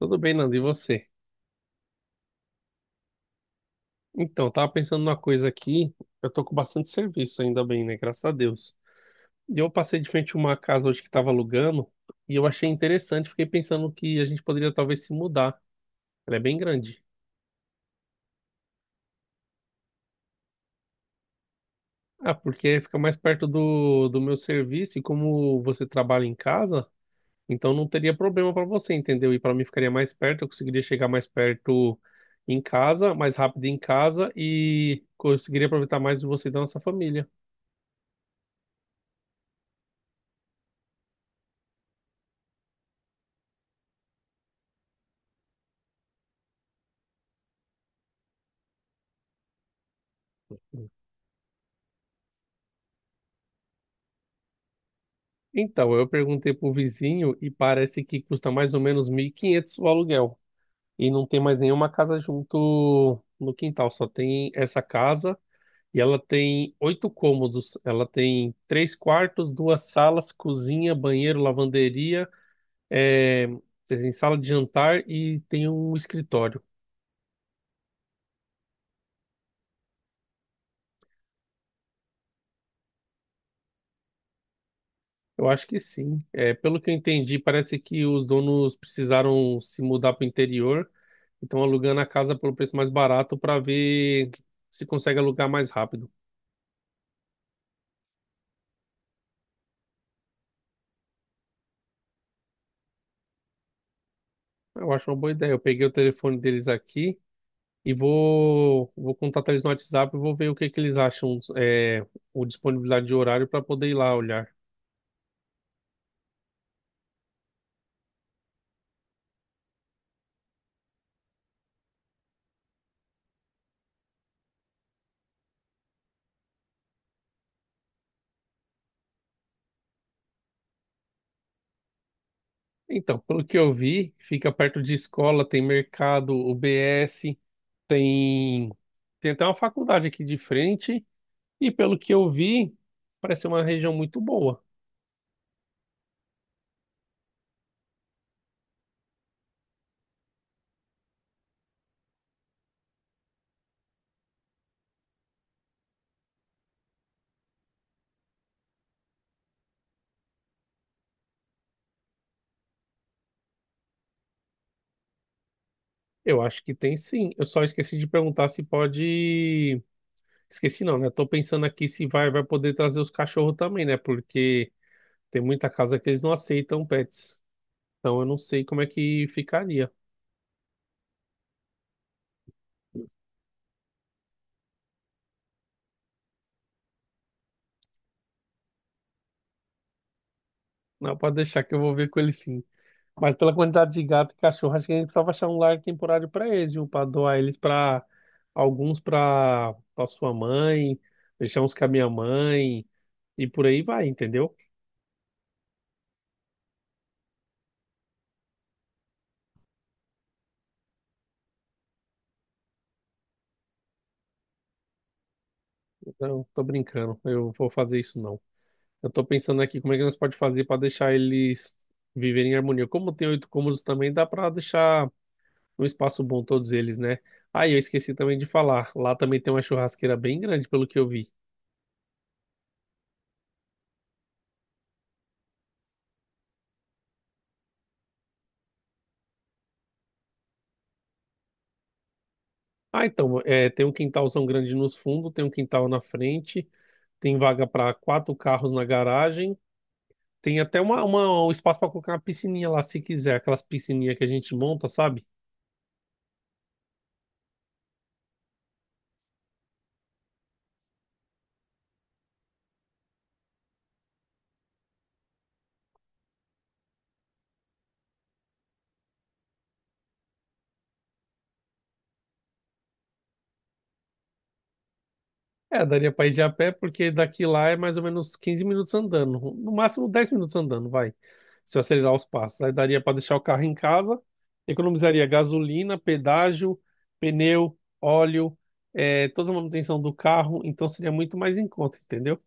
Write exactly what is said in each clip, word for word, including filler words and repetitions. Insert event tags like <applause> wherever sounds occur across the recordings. Tudo bem, Nando, e você? Então, eu tava pensando numa coisa aqui. Eu tô com bastante serviço ainda bem, né? Graças a Deus. E eu passei de frente a uma casa hoje que tava alugando e eu achei interessante. Fiquei pensando que a gente poderia talvez se mudar. Ela é bem grande. Ah, porque fica mais perto do, do meu serviço e como você trabalha em casa, então não teria problema para você, entendeu? E para mim ficaria mais perto, eu conseguiria chegar mais perto em casa, mais rápido em casa e conseguiria aproveitar mais de você e da nossa família. Então, eu perguntei pro vizinho e parece que custa mais ou menos mil e quinhentos o aluguel. E não tem mais nenhuma casa junto no quintal, só tem essa casa e ela tem oito cômodos. Ela tem três quartos, duas salas, cozinha, banheiro, lavanderia, é, tem sala de jantar e tem um escritório. Eu acho que sim. É, pelo que eu entendi, parece que os donos precisaram se mudar para o interior. Então alugando a casa pelo preço mais barato para ver se consegue alugar mais rápido. Eu acho uma boa ideia. Eu peguei o telefone deles aqui e vou vou contatar eles no WhatsApp e vou ver o que que eles acham, é, o disponibilidade de horário para poder ir lá olhar. Então, pelo que eu vi, fica perto de escola, tem mercado, U B S, tem tem até uma faculdade aqui de frente e pelo que eu vi, parece uma região muito boa. Eu acho que tem sim. Eu só esqueci de perguntar se pode. Esqueci não, né? Tô pensando aqui se vai, vai poder trazer os cachorros também, né? Porque tem muita casa que eles não aceitam pets. Então eu não sei como é que ficaria. Não, pode deixar que eu vou ver com eles sim. Mas pela quantidade de gato e cachorro, acho que a gente só vai achar um lar temporário para eles, viu? Para doar eles para alguns para para sua mãe, deixar uns com a minha mãe e por aí vai, entendeu? Não, tô brincando. Eu vou fazer isso não. Eu tô pensando aqui como é que nós pode fazer para deixar eles viverem em harmonia. Como tem oito cômodos também, dá para deixar um espaço bom todos eles, né? Ah, e eu esqueci também de falar. Lá também tem uma churrasqueira bem grande, pelo que eu vi. Ah, então, é, tem um quintalzão grande nos fundos, tem um quintal na frente, tem vaga para quatro carros na garagem, tem até uma, uma- um espaço para colocar uma piscininha lá, se quiser, aquelas piscininhas que a gente monta, sabe? É, daria pra ir de a pé, porque daqui lá é mais ou menos quinze minutos andando. No máximo dez minutos andando, vai. Se eu acelerar os passos. Aí daria pra deixar o carro em casa, economizaria gasolina, pedágio, pneu, óleo, é, toda a manutenção do carro. Então seria muito mais em conta, entendeu?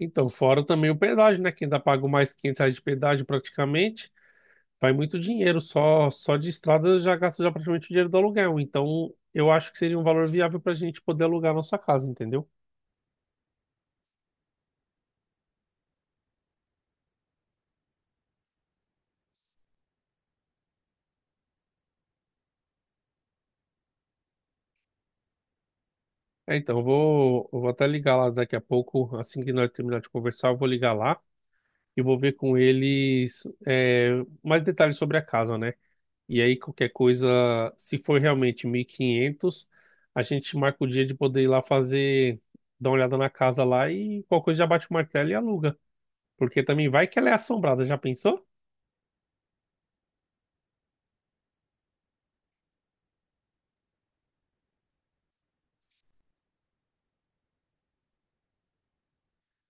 Então, fora também o pedágio, né? Quem ainda paga mais quinhentos reais de pedágio praticamente, vai muito dinheiro. Só, só de estrada eu já gasto já praticamente o dinheiro do aluguel. Então, eu acho que seria um valor viável pra gente poder alugar a nossa casa, entendeu? É, então, eu vou, eu vou até ligar lá daqui a pouco, assim que nós terminar de conversar, eu vou ligar lá e vou ver com eles, é, mais detalhes sobre a casa, né? E aí, qualquer coisa, se for realmente mil e quinhentos, a gente marca o dia de poder ir lá fazer, dar uma olhada na casa lá e qualquer coisa já bate o martelo e aluga. Porque também vai que ela é assombrada, já pensou?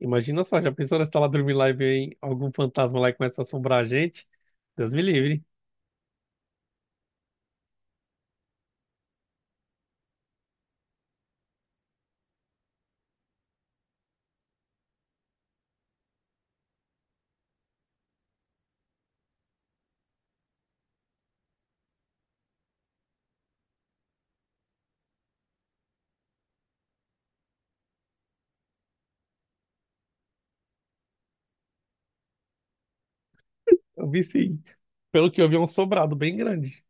Imagina só, já pensou nós tá lá dormindo lá e vem algum fantasma lá e começa a assombrar a gente? Deus me livre. Eu vi sim. Pelo que eu vi, é um sobrado bem grande.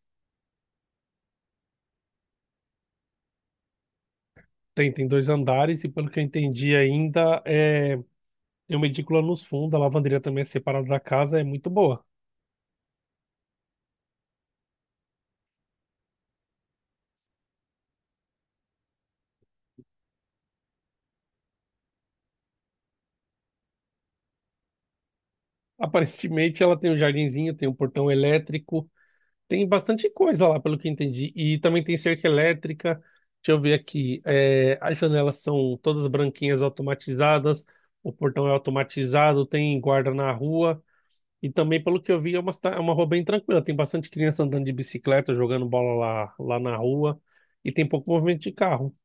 Tem, tem dois andares e pelo que eu entendi ainda, é, tem uma edícula nos fundos, a lavanderia também é separada da casa, é muito boa. <laughs> Aparentemente ela tem um jardinzinho, tem um portão elétrico, tem bastante coisa lá, pelo que eu entendi. E também tem cerca elétrica, deixa eu ver aqui, é, as janelas são todas branquinhas automatizadas, o portão é automatizado, tem guarda na rua. E também, pelo que eu vi, é uma, cida- é uma rua bem tranquila. Tem bastante criança andando de bicicleta, jogando bola lá, lá na rua. E tem pouco movimento de carro.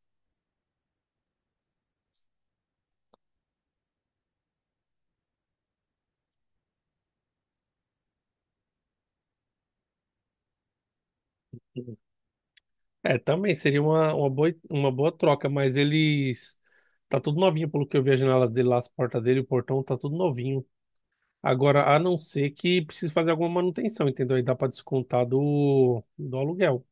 É, também seria uma, uma boa, uma boa troca, mas eles. Tá tudo novinho, pelo que eu vi, as janelas dele lá, as portas dele, o portão tá tudo novinho. Agora, a não ser que precise fazer alguma manutenção, entendeu? Aí dá para descontar do, do aluguel.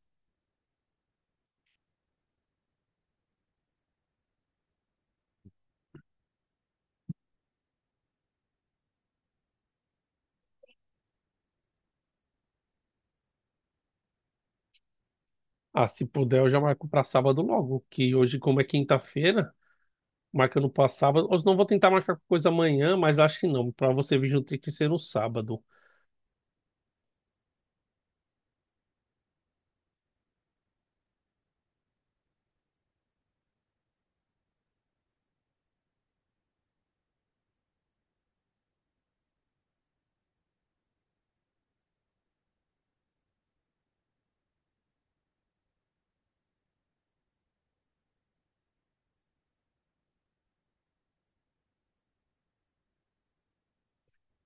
Ah, se puder, eu já marco para sábado logo, que hoje, como é quinta-feira, marca no para sábado. Ou se não vou tentar marcar coisa amanhã, mas acho que não, para você vir no Trick ser no sábado.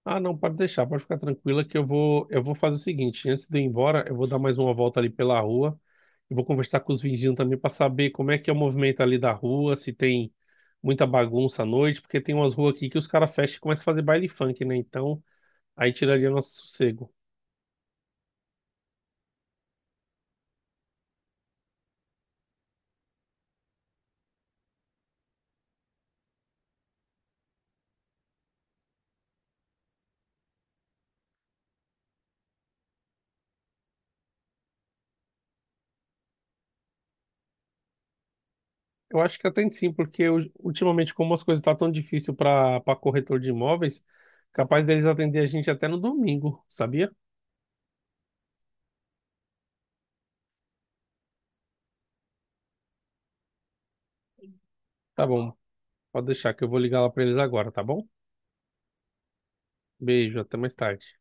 Ah, não, pode deixar, pode ficar tranquila que eu vou, eu vou fazer o seguinte, antes de eu ir embora, eu vou dar mais uma volta ali pela rua e vou conversar com os vizinhos também para saber como é que é o movimento ali da rua, se tem muita bagunça à noite, porque tem umas ruas aqui que os caras fecham e começam a fazer baile funk, né? Então, aí tiraria nosso sossego. Eu acho que até sim, porque eu- ultimamente como as coisas estão tão difícil para para corretor de imóveis, capaz deles atender a gente até no domingo, sabia? Tá bom, pode deixar que eu vou ligar lá para eles agora, tá bom? Beijo, até mais tarde.